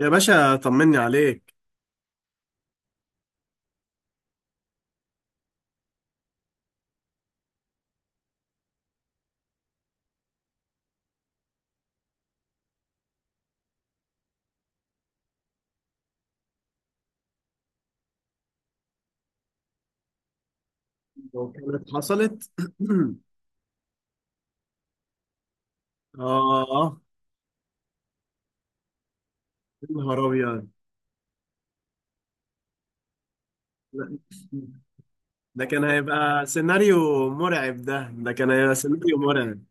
يا باشا طمني عليك. لو كانت حصلت. آه. يا نهار أبيض. لا، ده كان هيبقى سيناريو مرعب. ده كان هيبقى سيناريو مرعب.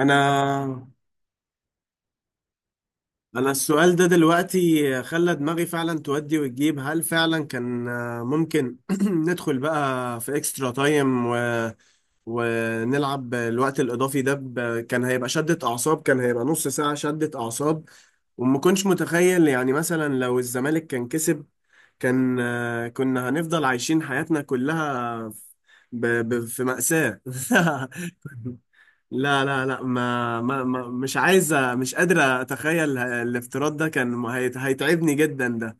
أنا أنا السؤال ده دلوقتي خلى دماغي فعلا تودي وتجيب. هل فعلا كان ممكن ندخل بقى في اكسترا تايم ونلعب الوقت الإضافي ده كان هيبقى شدة أعصاب، كان هيبقى نص ساعة شدة أعصاب. وما كنتش متخيل يعني مثلا لو الزمالك كان كسب كان كنا هنفضل عايشين حياتنا كلها في مأساة. لا لا لا، ما مش عايزة، مش قادرة أتخيل الافتراض ده. كان هيتعبني جدا ده.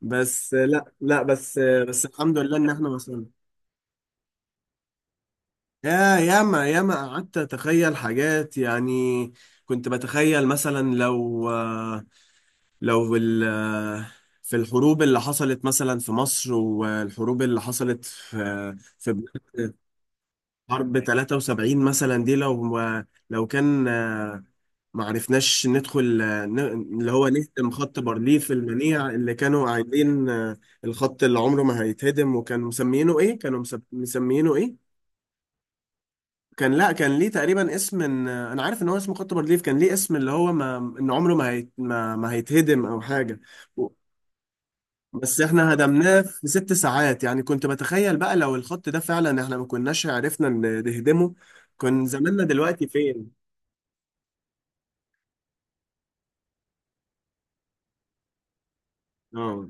بس لا لا، بس بس الحمد لله إن إحنا وصلنا. ياما ياما قعدت أتخيل حاجات يعني. كنت بتخيل مثلا لو لو ال في الحروب اللي حصلت مثلا في مصر، والحروب اللي حصلت في بلاد. حرب 73 مثلا، دي لو كان ما عرفناش ندخل اللي هو نهدم خط بارليف المنيع اللي كانوا قايلين الخط اللي عمره ما هيتهدم، وكانوا مسمينه ايه، كانوا مسمينه ايه. كان، لا، كان ليه تقريبا اسم. إن انا عارف ان هو اسمه خط بارليف، كان ليه اسم اللي هو ما، ان عمره ما هيتهدم او حاجة. بس احنا هدمناه في 6 ساعات. يعني كنت بتخيل بقى، لو الخط ده فعلا احنا ما كناش عرفنا نهدمه. كان زماننا دلوقتي فين؟ اه.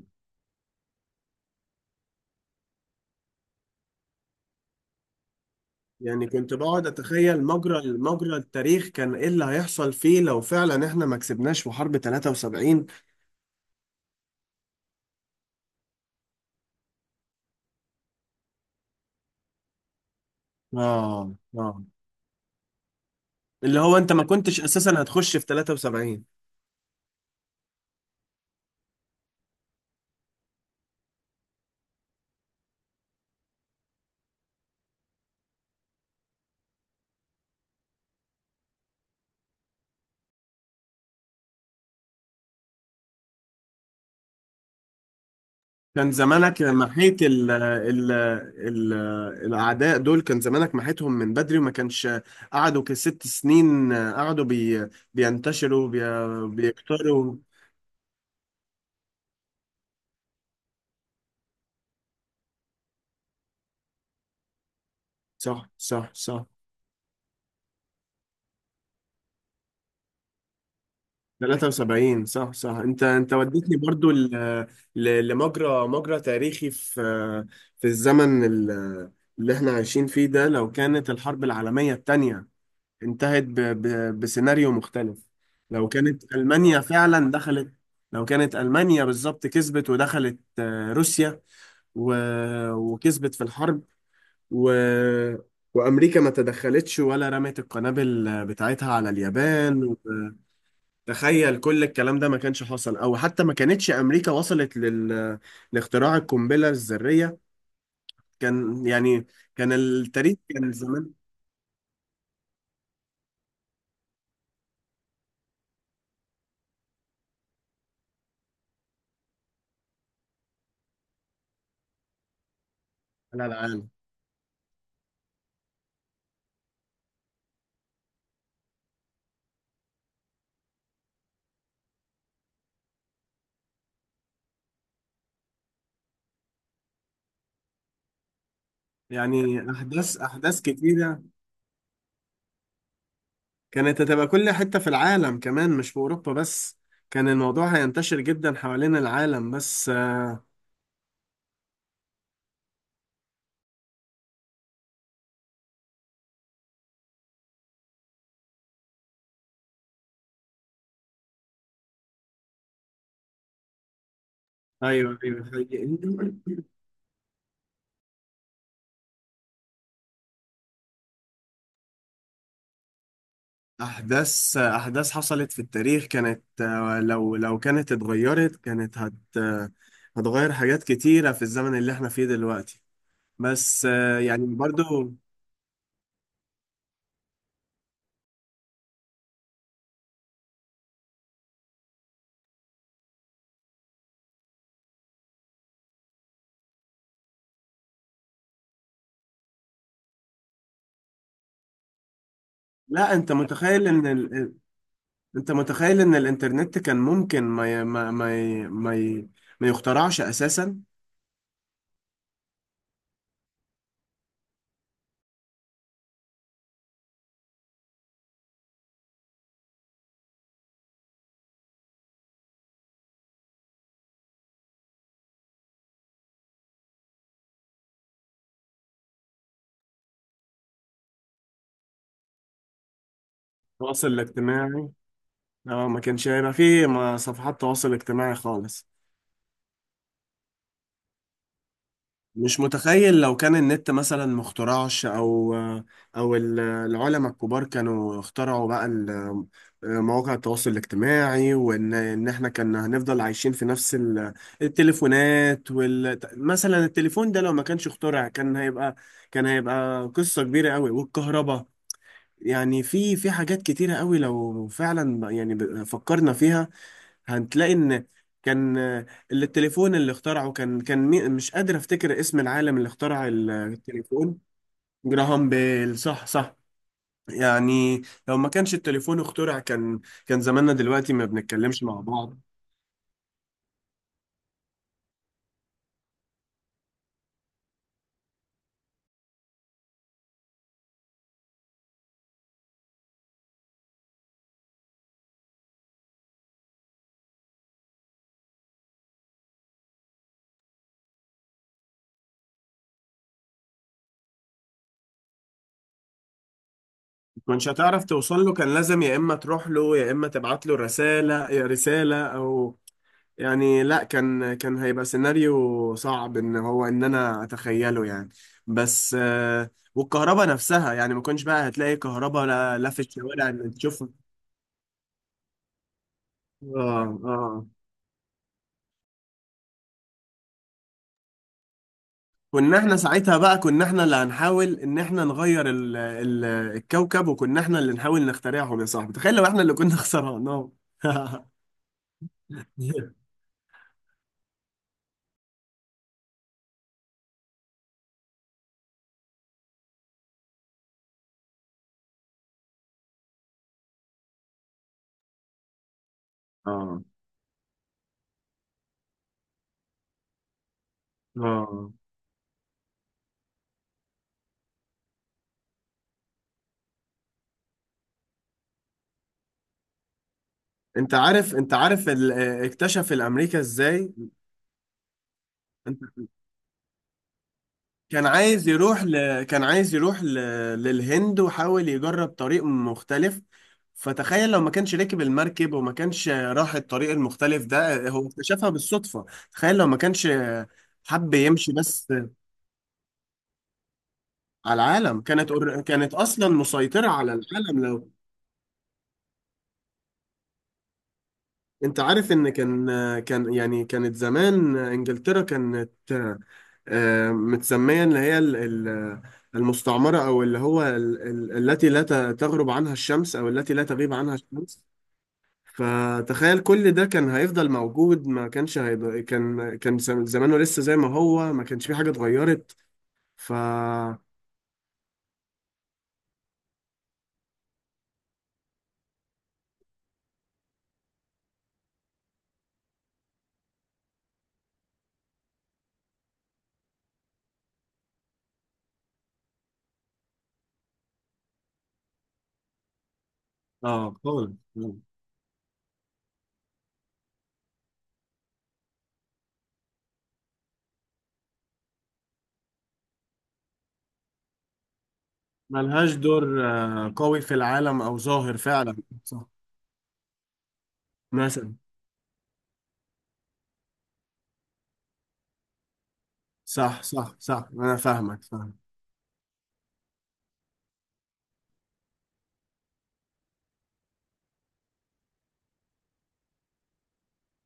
يعني كنت بقعد اتخيل مجرى مجرى التاريخ كان ايه اللي هيحصل فيه لو فعلا احنا ما كسبناش في حرب 73. اه اه. اللي هو انت ما كنتش اساسا هتخش في 73. كان زمانك محيت ال الأعداء دول. كان زمانك محيتهم من بدري، وما كانش قعدوا كست سنين، قعدوا بينتشروا بيكتروا. صح صح صح. 73. صح صح. انت وديتني برضو لمجرى مجرى تاريخي، في الزمن اللي احنا عايشين فيه ده. لو كانت الحرب العالمية التانية انتهت بسيناريو مختلف. لو كانت ألمانيا فعلا دخلت لو كانت ألمانيا بالظبط كسبت ودخلت روسيا، و... وكسبت في الحرب، و... وأمريكا ما تدخلتش ولا رمت القنابل بتاعتها على اليابان تخيل كل الكلام ده ما كانش حصل. او حتى ما كانتش امريكا وصلت لاختراع القنبله الذريه. كان يعني، كان التاريخ كان زمان على العالم يعني. احداث احداث كتيره كانت هتبقى كل حتة في العالم كمان، مش في أوروبا بس. كان الموضوع هينتشر جدا حوالين العالم، بس أيوه أيوه حقيقي. أحداث أحداث حصلت في التاريخ، كانت لو كانت اتغيرت كانت هت آه، هتغير حاجات كتيرة في الزمن اللي احنا فيه دلوقتي. بس يعني برضو. لا، انت متخيل ان الانترنت كان ممكن ما يخترعش اساسا. التواصل الاجتماعي. اه، ما كانش هيبقى فيه صفحات تواصل اجتماعي خالص. مش متخيل لو كان النت مثلا مخترعش، او او العلماء الكبار كانوا اخترعوا بقى مواقع التواصل الاجتماعي، وان احنا كنا هنفضل عايشين في نفس التليفونات. مثلا التليفون ده لو ما كانش اخترع، كان هيبقى قصة كبيرة قوي، والكهرباء. يعني في حاجات كتيرة قوي لو فعلا يعني فكرنا فيها، هتلاقي ان كان اللي التليفون اللي اخترعه كان مش قادر افتكر اسم العالم اللي اخترع التليفون. جراهام بيل. صح صح. يعني لو ما كانش التليفون اخترع، كان زماننا دلوقتي ما بنتكلمش مع بعض. ما كنتش هتعرف توصل له. كان لازم يا اما تروح له يا اما تبعت له رسالة، رسالة يعني لا، كان هيبقى سيناريو صعب ان هو ان انا اتخيله يعني. بس والكهرباء نفسها، يعني ما كنتش بقى هتلاقي كهرباء، لا لا في الشوارع اللي تشوفها. اه اه. كنا احنا ساعتها بقى، كنا احنا اللي هنحاول ان احنا نغير ال الكوكب، وكنا احنا اللي نحاول نخترعهم. يا صاحبي، تخيل لو احنا اللي كنا خسرانهم. اه اه. انت عارف اكتشف الامريكا ازاي. كان عايز يروح ل... كان عايز يروح ل... للهند، وحاول يجرب طريق مختلف. فتخيل لو ما كانش ركب المركب، وما كانش راح الطريق المختلف ده. هو اكتشفها بالصدفة. تخيل لو ما كانش حب يمشي بس. على العالم كانت كانت أصلا مسيطرة على العالم لو. انت عارف ان كان يعني، كانت زمان انجلترا كانت متسميه اللي هي ال- المستعمره، او اللي هو التي لا تغرب عنها الشمس، او التي لا تغيب عنها الشمس. فتخيل كل ده كان هيفضل موجود. ما كانش هيبقى، كان زمانه لسه زي ما هو، ما كانش في حاجه اتغيرت. ف اه خالص. ملهاش دور قوي في العالم، او ظاهر فعلا. صح. مثلا صح صح صح، انا فاهمك فاهمك.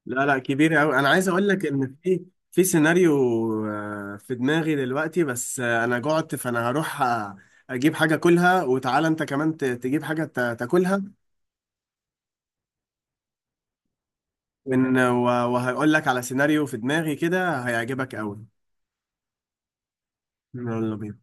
لا لا، كبير قوي. انا عايز اقول لك ان في سيناريو في دماغي دلوقتي، بس انا جعت، فانا هروح اجيب حاجه كلها، وتعالى انت كمان تجيب حاجه تاكلها. وهقول لك على سيناريو في دماغي كده هيعجبك قوي. يلا بينا.